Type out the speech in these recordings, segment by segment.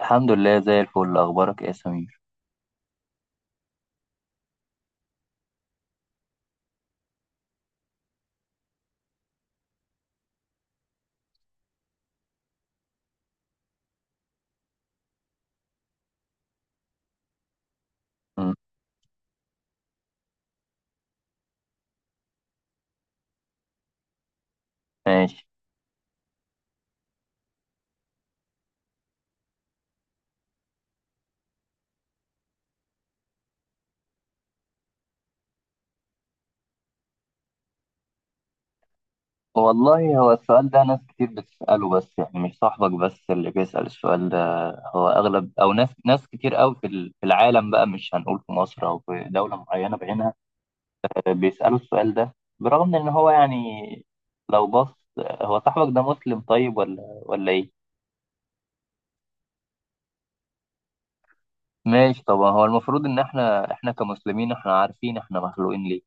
الحمد لله زي الفل، اخبارك إيه يا سمير؟ م- ماشي. والله، هو السؤال ده ناس كتير بتسأله، بس يعني مش صاحبك بس اللي بيسأل السؤال ده. هو اغلب او ناس كتير قوي في العالم بقى، مش هنقول في مصر او في دولة معينة بعينها. بيسألوا السؤال ده برغم ان هو يعني لو بص. هو صاحبك ده مسلم طيب ولا ايه؟ ماشي، طبعا هو المفروض ان احنا كمسلمين احنا عارفين احنا مخلوقين ليه.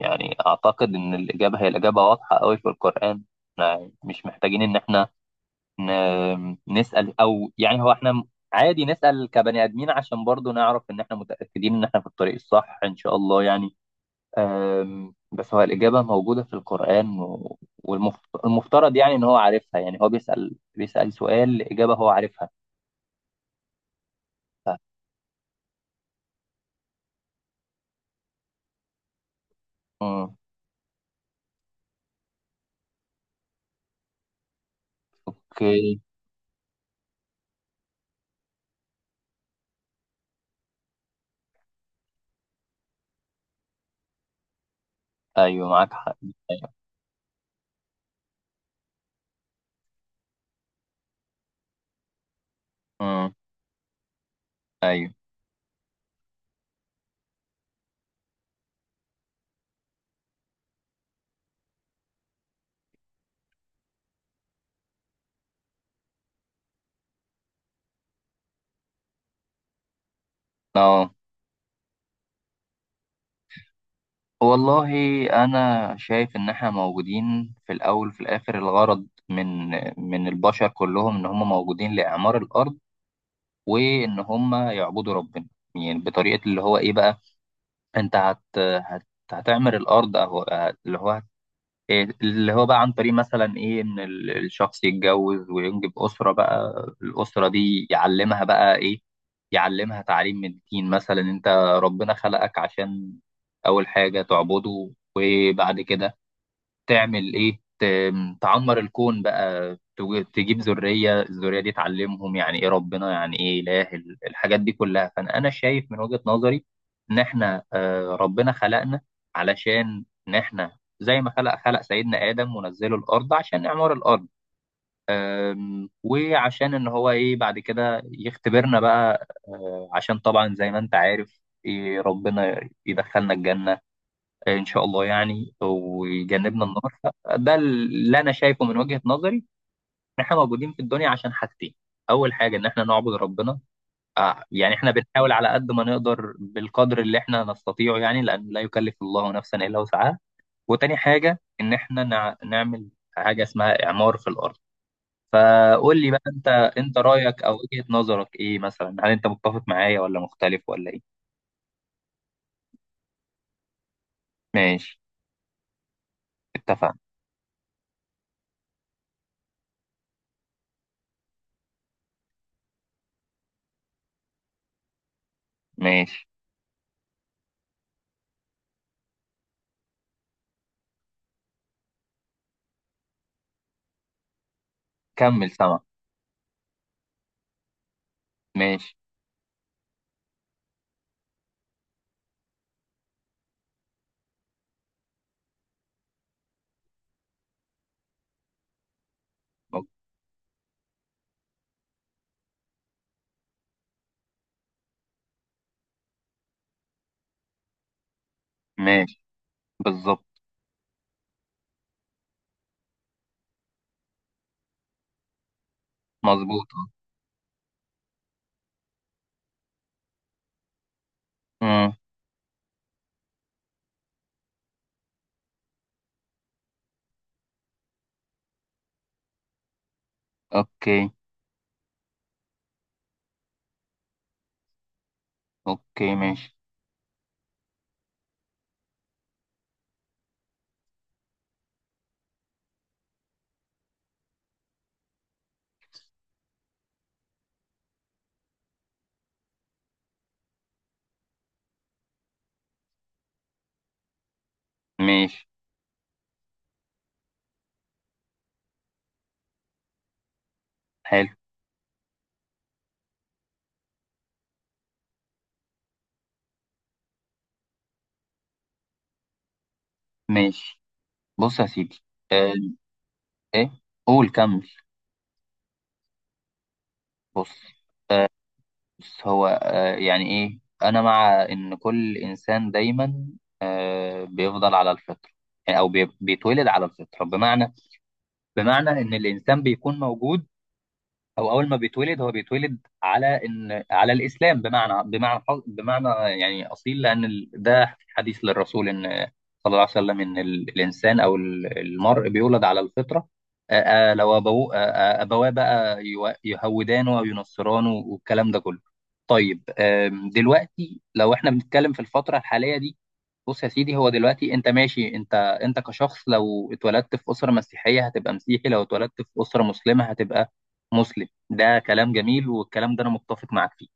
يعني أعتقد إن الإجابة واضحة أوي في القرآن. إحنا مش محتاجين إن إحنا نسأل، أو يعني هو إحنا عادي نسأل كبني آدمين عشان برضو نعرف إن إحنا متأكدين إن إحنا في الطريق الصح إن شاء الله يعني. بس هو الإجابة موجودة في القرآن، والمفترض يعني إن هو عارفها، يعني هو بيسأل سؤال إجابة هو عارفها. مم. أوكي. أيوه معاك حق. أيوه. أمم. أيوه. أه. والله، أنا شايف إن إحنا موجودين في الأول وفي الآخر الغرض من البشر كلهم إن هم موجودين لإعمار الأرض، وإن هم يعبدوا ربنا. يعني بطريقة اللي هو إيه بقى، أنت هت هت هتعمر الأرض، أو اللي هو إيه اللي هو بقى عن طريق مثلا ايه، ان الشخص يتجوز وينجب اسره بقى. الاسره دي يعلمها بقى ايه؟ يعلمها تعليم من الدين. مثلا انت، ربنا خلقك عشان اول حاجه تعبده، وبعد كده تعمل ايه، تعمر الكون بقى، تجيب ذرية، الذرية دي تعلمهم يعني ايه ربنا، يعني ايه اله، الحاجات دي كلها. فانا شايف من وجهة نظري ان احنا، ربنا خلقنا علشان ان احنا زي ما خلق سيدنا آدم ونزله الأرض عشان إعمار الأرض. وعشان إن هو إيه بعد كده يختبرنا بقى، عشان طبعا زي ما أنت عارف إيه ربنا يدخلنا الجنة ان شاء الله يعني، ويجنبنا النار. ده اللي انا شايفه من وجهة نظري، ان احنا موجودين في الدنيا عشان حاجتين. اول حاجة ان احنا نعبد ربنا، يعني احنا بنحاول على قد ما نقدر، بالقدر اللي احنا نستطيعه، يعني لان لا يكلف الله نفسا الا وسعها. وتاني حاجة ان احنا نعمل حاجة اسمها اعمار في الارض. فقول لي بقى انت رايك او وجهة نظرك ايه، مثلا هل انت متفق معايا ولا مختلف ولا ايه؟ ماشي. اتفقنا. ماشي، كمل سما. ماشي. ماشي، بالظبط. مظبوط. امم. اوكي. اوكي، ماشي. ماشي. حلو. ماشي. بص يا سيدي. آه، ايه، قول كمل. بص. آه، بص هو، يعني ايه، انا مع ان كل انسان دايما، بيفضل على الفطره، يعني او بيتولد على الفطره. بمعنى ان الانسان بيكون موجود، هو اول ما بيتولد هو بيتولد على ان على الاسلام، بمعنى يعني اصيل، لان ده حديث للرسول ان صلى الله عليه وسلم ان الانسان او المرء بيولد على الفطره. لو ابوه، ابواه بقى يهودانه او ينصرانه والكلام ده كله. طيب، دلوقتي لو احنا بنتكلم في الفتره الحاليه دي، بص يا سيدي، هو دلوقتي انت ماشي، انت كشخص لو اتولدت في اسره مسيحيه هتبقى مسيحي، لو اتولدت في اسره مسلمه هتبقى مسلم. ده كلام جميل والكلام ده انا متفق معاك فيه.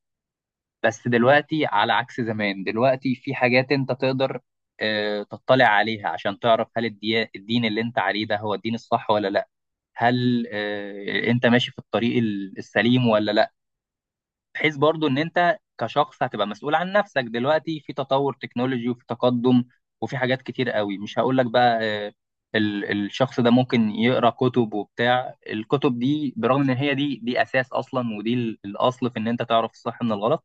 بس دلوقتي على عكس زمان، دلوقتي في حاجات انت تقدر تطلع عليها عشان تعرف هل الدين اللي انت عليه ده هو الدين الصح ولا لا، هل انت ماشي في الطريق السليم ولا لا، بحيث برضو ان انت كشخص هتبقى مسؤول عن نفسك. دلوقتي في تطور تكنولوجي وفي تقدم وفي حاجات كتير قوي، مش هقول لك بقى، آه، الشخص ده ممكن يقرا كتب وبتاع، الكتب دي برغم ان هي دي اساس اصلا، ودي الاصل في ان انت تعرف الصح من الغلط.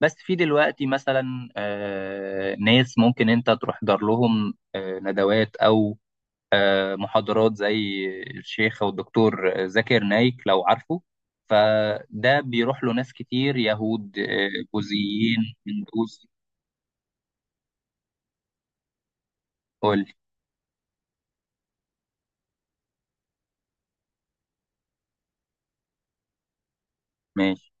بس في دلوقتي مثلا، ناس ممكن انت تروح دار لهم ندوات او محاضرات زي الشيخ والدكتور زاكر نايك لو عارفه. فده بيروح له ناس كتير يهود، بوذيين، هندوس. قول. ماشي.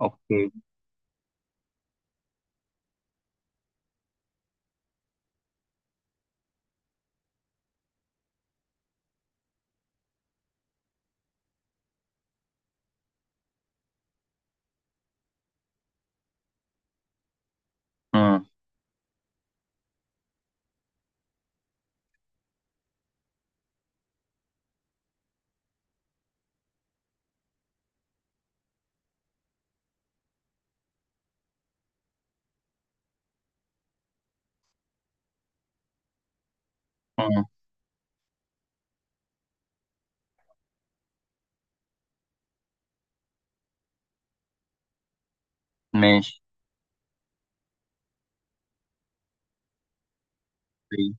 اوكي. امم. امم. ماشي. طيب.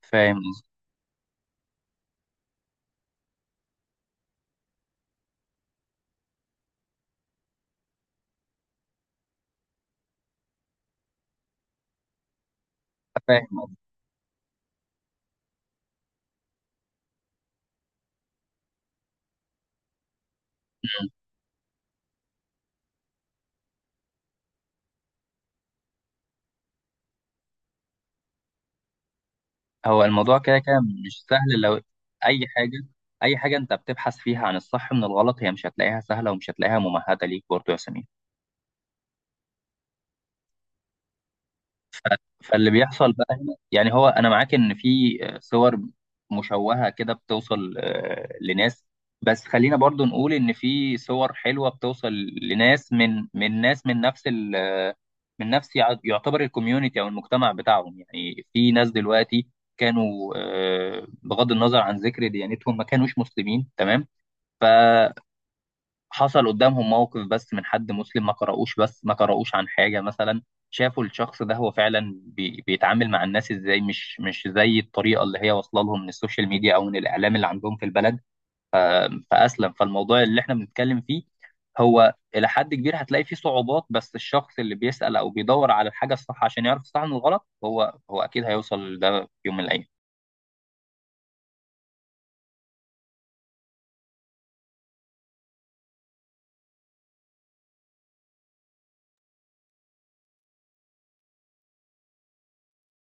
فاهم قصدك. فاهم قصدك. مم. هو الموضوع كده كده مش سهل لو اي حاجه. اي حاجه انت بتبحث فيها عن الصح من الغلط هي مش هتلاقيها سهله، ومش هتلاقيها ممهده ليك برضه يا سمير. فاللي بيحصل بقى هنا يعني، هو انا معاك ان في صور مشوهه كده بتوصل لناس، بس خلينا برضو نقول ان في صور حلوه بتوصل لناس من ناس من نفس ال آه، من نفس يعتبر الكوميونتي او المجتمع بتاعهم. يعني في ناس دلوقتي كانوا، بغض النظر عن ذكر ديانتهم ما كانوش مسلمين، تمام، حصل قدامهم موقف بس من حد مسلم، ما قرأوش عن حاجة، مثلا شافوا الشخص ده هو فعلا بيتعامل مع الناس ازاي، مش زي الطريقة اللي هي واصلة لهم من السوشيال ميديا او من الاعلام اللي عندهم في البلد، فأسلم. فالموضوع اللي احنا بنتكلم فيه هو إلى حد كبير هتلاقي فيه صعوبات، بس الشخص اللي بيسأل او بيدور على الحاجة الصح عشان يعرف الصح من الغلط هو اكيد هيوصل لده في يوم من الايام.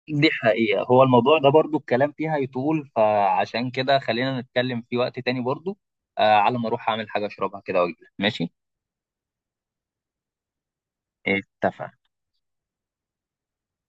دي حقيقة، هو الموضوع ده برضو الكلام فيها يطول، فعشان كده خلينا نتكلم في وقت تاني برضو. على ما اروح اعمل حاجة اشربها كده واجيلك، ماشي؟ اتفق.